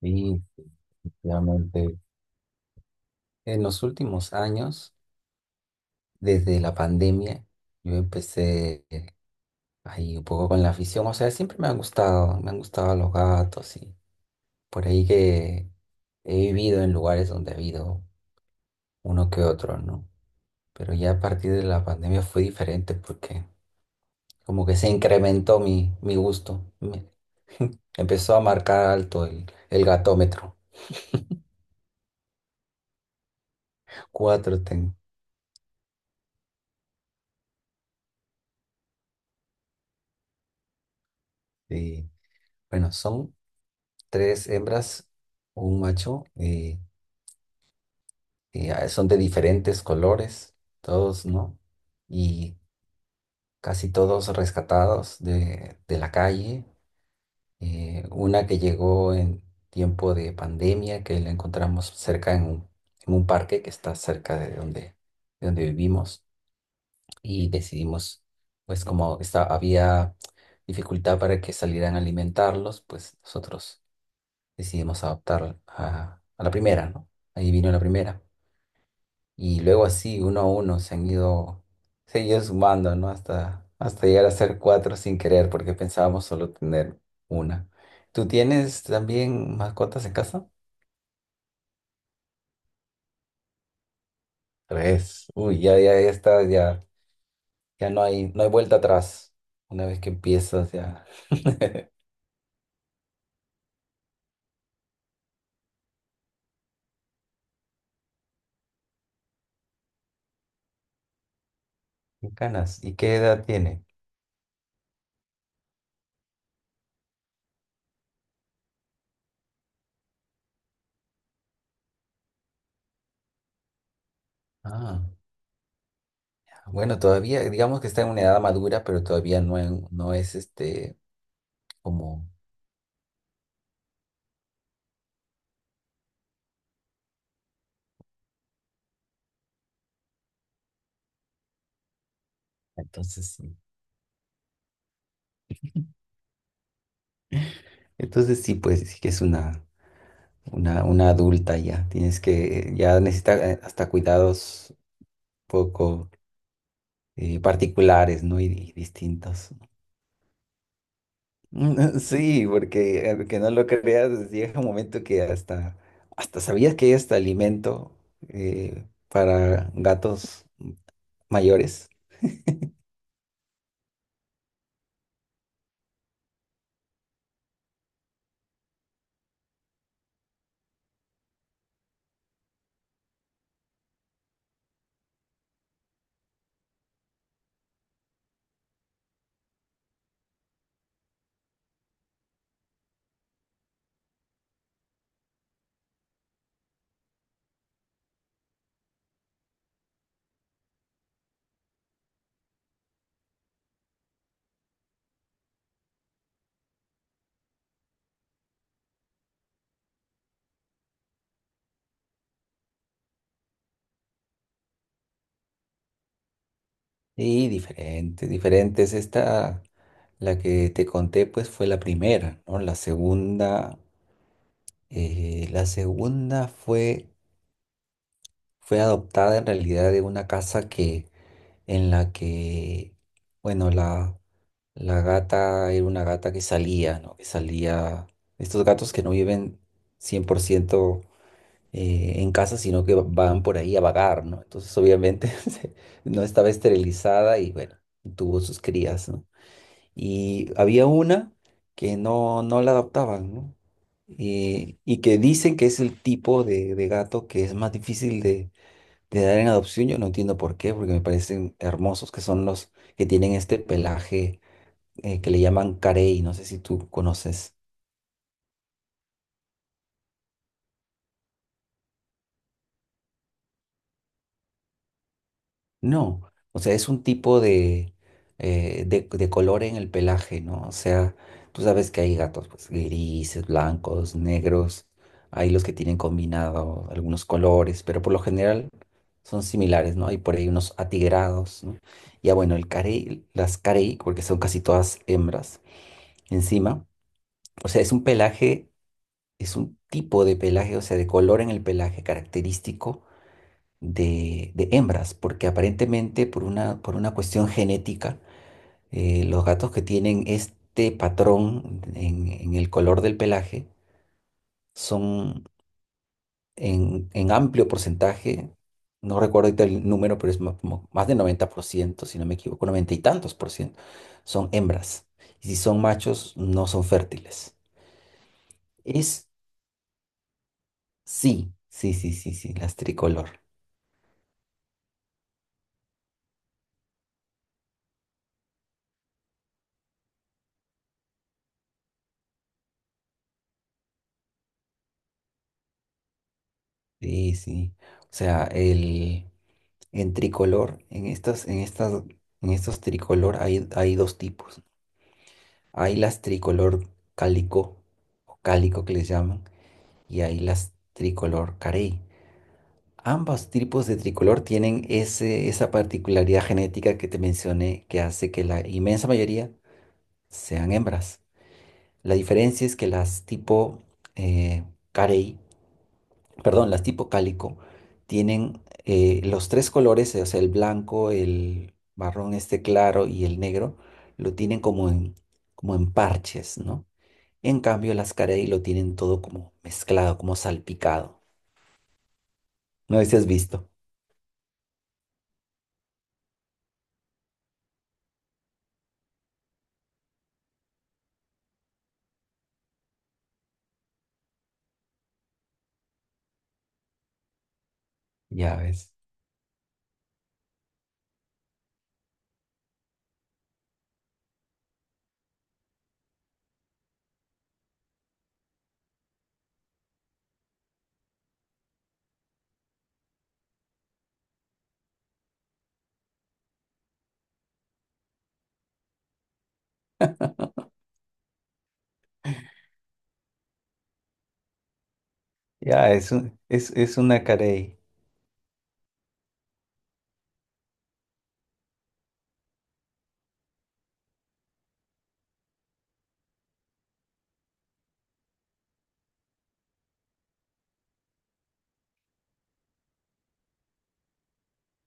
Sí, efectivamente. En los últimos años, desde la pandemia, yo empecé ahí un poco con la afición. O sea, siempre me han gustado los gatos y por ahí que he vivido en lugares donde ha habido uno que otro, ¿no? Pero ya a partir de la pandemia fue diferente porque como que se incrementó mi gusto. Me- empezó a marcar alto el gatómetro. Cuatro tengo. Sí. Bueno, son tres hembras, un macho, y son de diferentes colores, todos, ¿no? Y casi todos rescatados de la calle. Una que llegó en tiempo de pandemia, que la encontramos cerca en un parque que está cerca de donde vivimos, y decidimos, pues como esta- había dificultad para que salieran a alimentarlos, pues nosotros decidimos adoptar a la primera, ¿no? Ahí vino la primera. Y luego así, uno a uno, se han ido sumando, ¿no? Hasta, hasta llegar a ser cuatro sin querer, porque pensábamos solo tener una. ¿Tú tienes también mascotas en casa? Tres. Uy, ya, ya, ya está, ya, ya no hay, no hay vuelta atrás. Una vez que empiezas, ya. Qué canas, ¿y qué edad tiene? Ah, bueno, todavía, digamos que está en una edad madura, pero todavía no, en- no es este como. Entonces sí. Entonces sí, pues sí que es una adulta ya. Tienes que, ya necesita hasta cuidados poco particulares, ¿no? Y distintos. Mm, sí, porque aunque no lo creas, pues, llega un momento que hasta, hasta sabías que hay hasta alimento para gatos mayores. Y diferentes, diferentes. Esta, la que te conté, pues fue la primera, ¿no? La segunda. La segunda fue, fue adoptada en realidad de una casa que, en la que, bueno, la gata era una gata que salía, ¿no? Que salía, estos gatos que no viven 100% en casa, sino que van por ahí a vagar, ¿no? Entonces, obviamente, se- no estaba esterilizada y, bueno, tuvo sus crías, ¿no? Y había una que no, no la adoptaban, ¿no? Y que dicen que es el tipo de gato que es más difícil de dar en adopción. Yo no entiendo por qué, porque me parecen hermosos que son los que tienen este pelaje que le llaman carey. No sé si tú conoces. No, o sea, es un tipo de, de color en el pelaje, ¿no? O sea, tú sabes que hay gatos, pues, grises, blancos, negros, hay los que tienen combinado algunos colores, pero por lo general son similares, ¿no? Hay por ahí unos atigrados, ¿no? Ya bueno, el carey, las carey, porque son casi todas hembras, encima, o sea, es un pelaje, es un tipo de pelaje, o sea, de color en el pelaje característico de hembras, porque aparentemente por una cuestión genética, los gatos que tienen este patrón en el color del pelaje son en amplio porcentaje, no recuerdo ahorita el número, pero es ma- como más de 90% si no me equivoco, 90 y tantos por ciento, son hembras. Y si son machos, no son fértiles. Es, sí, sí, sí, sí, sí, las tricolor. Sí, sí. O sea, el... En tricolor, en estas, en estas, en estos tricolor hay, hay dos tipos. Hay las tricolor cálico o cálico que les llaman y hay las tricolor carey. Ambos tipos de tricolor tienen ese, esa particularidad genética que te mencioné que hace que la inmensa mayoría sean hembras. La diferencia es que las tipo eh, carey perdón, las tipo cálico, tienen los tres colores, o sea, el blanco, el marrón este claro y el negro, lo tienen como en, como en parches, ¿no? En cambio, las carey lo tienen todo como mezclado, como salpicado. No sé si has visto. Ya ves. Ya, es un- es una carey.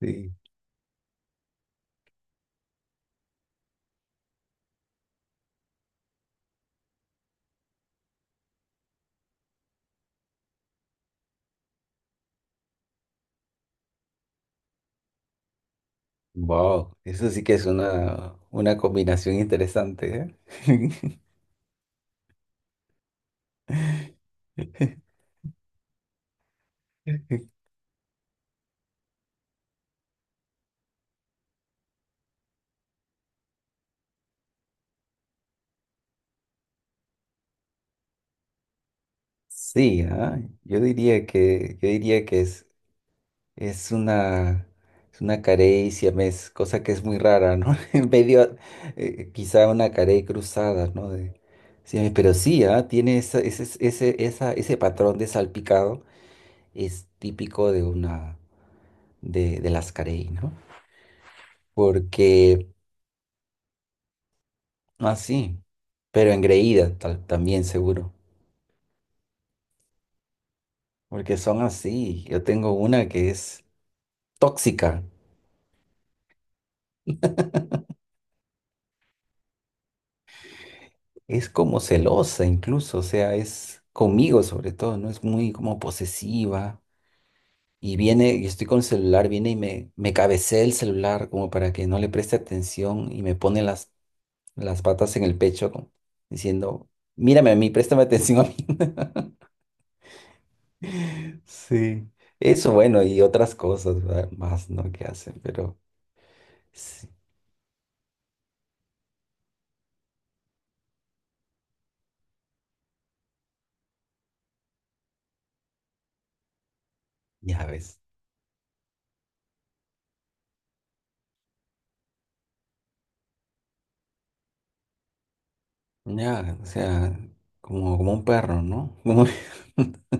Sí. Wow, eso sí que es una combinación interesante, ¿eh? Sí, ah, yo diría que, yo diría que es una, es una carecia, me es cosa que es muy rara, ¿no? En medio, quizá una carey cruzada, ¿no? De- sí, pero sí, ah, tiene esa- ese, esa- ese patrón de salpicado, es típico de una, de las carey, ¿no? Porque, no así, pero engreída tal- también seguro, porque son así. Yo tengo una que es tóxica, es como celosa incluso, o sea, es conmigo sobre todo, ¿no? Es muy como posesiva. Y viene, y estoy con el celular, viene y me cabecea el celular como para que no le preste atención y me pone las patas en el pecho como diciendo, mírame a mí, préstame atención a mí. Sí, eso bueno, y otras cosas, ¿verdad? Más, ¿no? Que hacen, pero sí, ya ves. Ya, o sea, como, como un perro, ¿no? Como-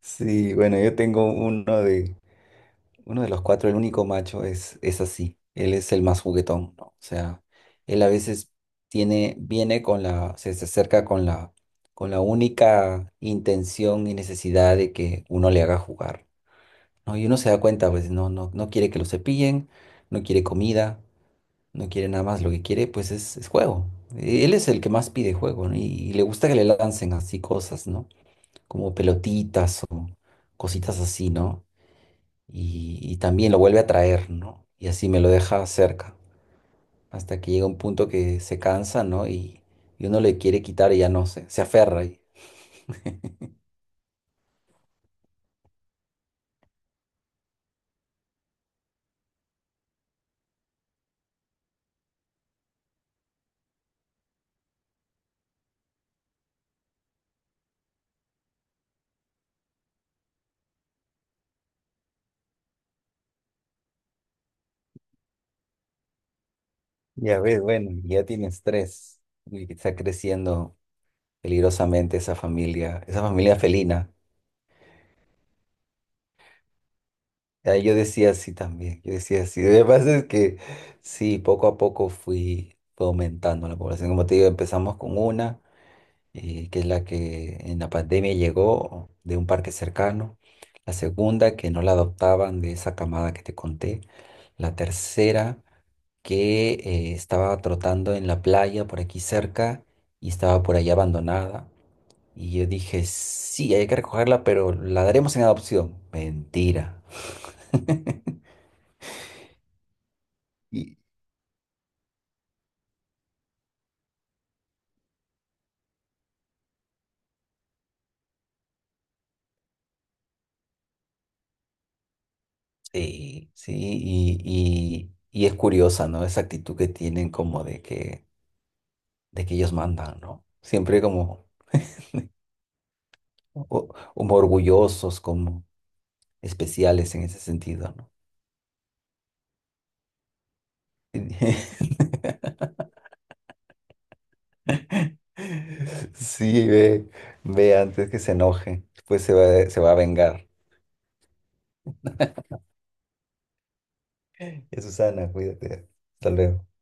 sí, bueno, yo tengo uno de, uno de los cuatro, el único macho, es así. Él es el más juguetón, ¿no? O sea, él a veces tiene, viene con la, se acerca con la única intención y necesidad de que uno le haga jugar, ¿no? Y uno se da cuenta, pues, no, no, no quiere que lo cepillen, no quiere comida, no quiere nada más, lo que quiere, pues, es juego. Él es el que más pide juego, ¿no? Y le gusta que le lancen así cosas, ¿no? Como pelotitas o cositas así, ¿no? Y, y también lo vuelve a traer, ¿no? Y así me lo deja cerca, hasta que llega un punto que se cansa, ¿no? Y uno le quiere quitar y ya no se, se aferra. Y, ya ves, bueno, ya tienes tres. Y está creciendo peligrosamente esa familia felina. Ya yo decía así también, yo decía así. Lo que pasa es que sí, poco a poco fui, fue aumentando la población. Como te digo, empezamos con una. Que es la que en la pandemia llegó de un parque cercano. La segunda, que no la adoptaban de esa camada que te conté. La tercera, que estaba trotando en la playa por aquí cerca y estaba por allá abandonada. Y yo dije, sí, hay que recogerla, pero la daremos en adopción. Mentira. Y- sí, sí, y es curiosa, ¿no? Esa actitud que tienen como de que ellos mandan, ¿no? Siempre como o- como orgullosos, como especiales en ese sentido, ¿no? Sí, ve, ve antes que se enoje, después se va a vengar. Ya, Susana, cuídate. Hasta luego.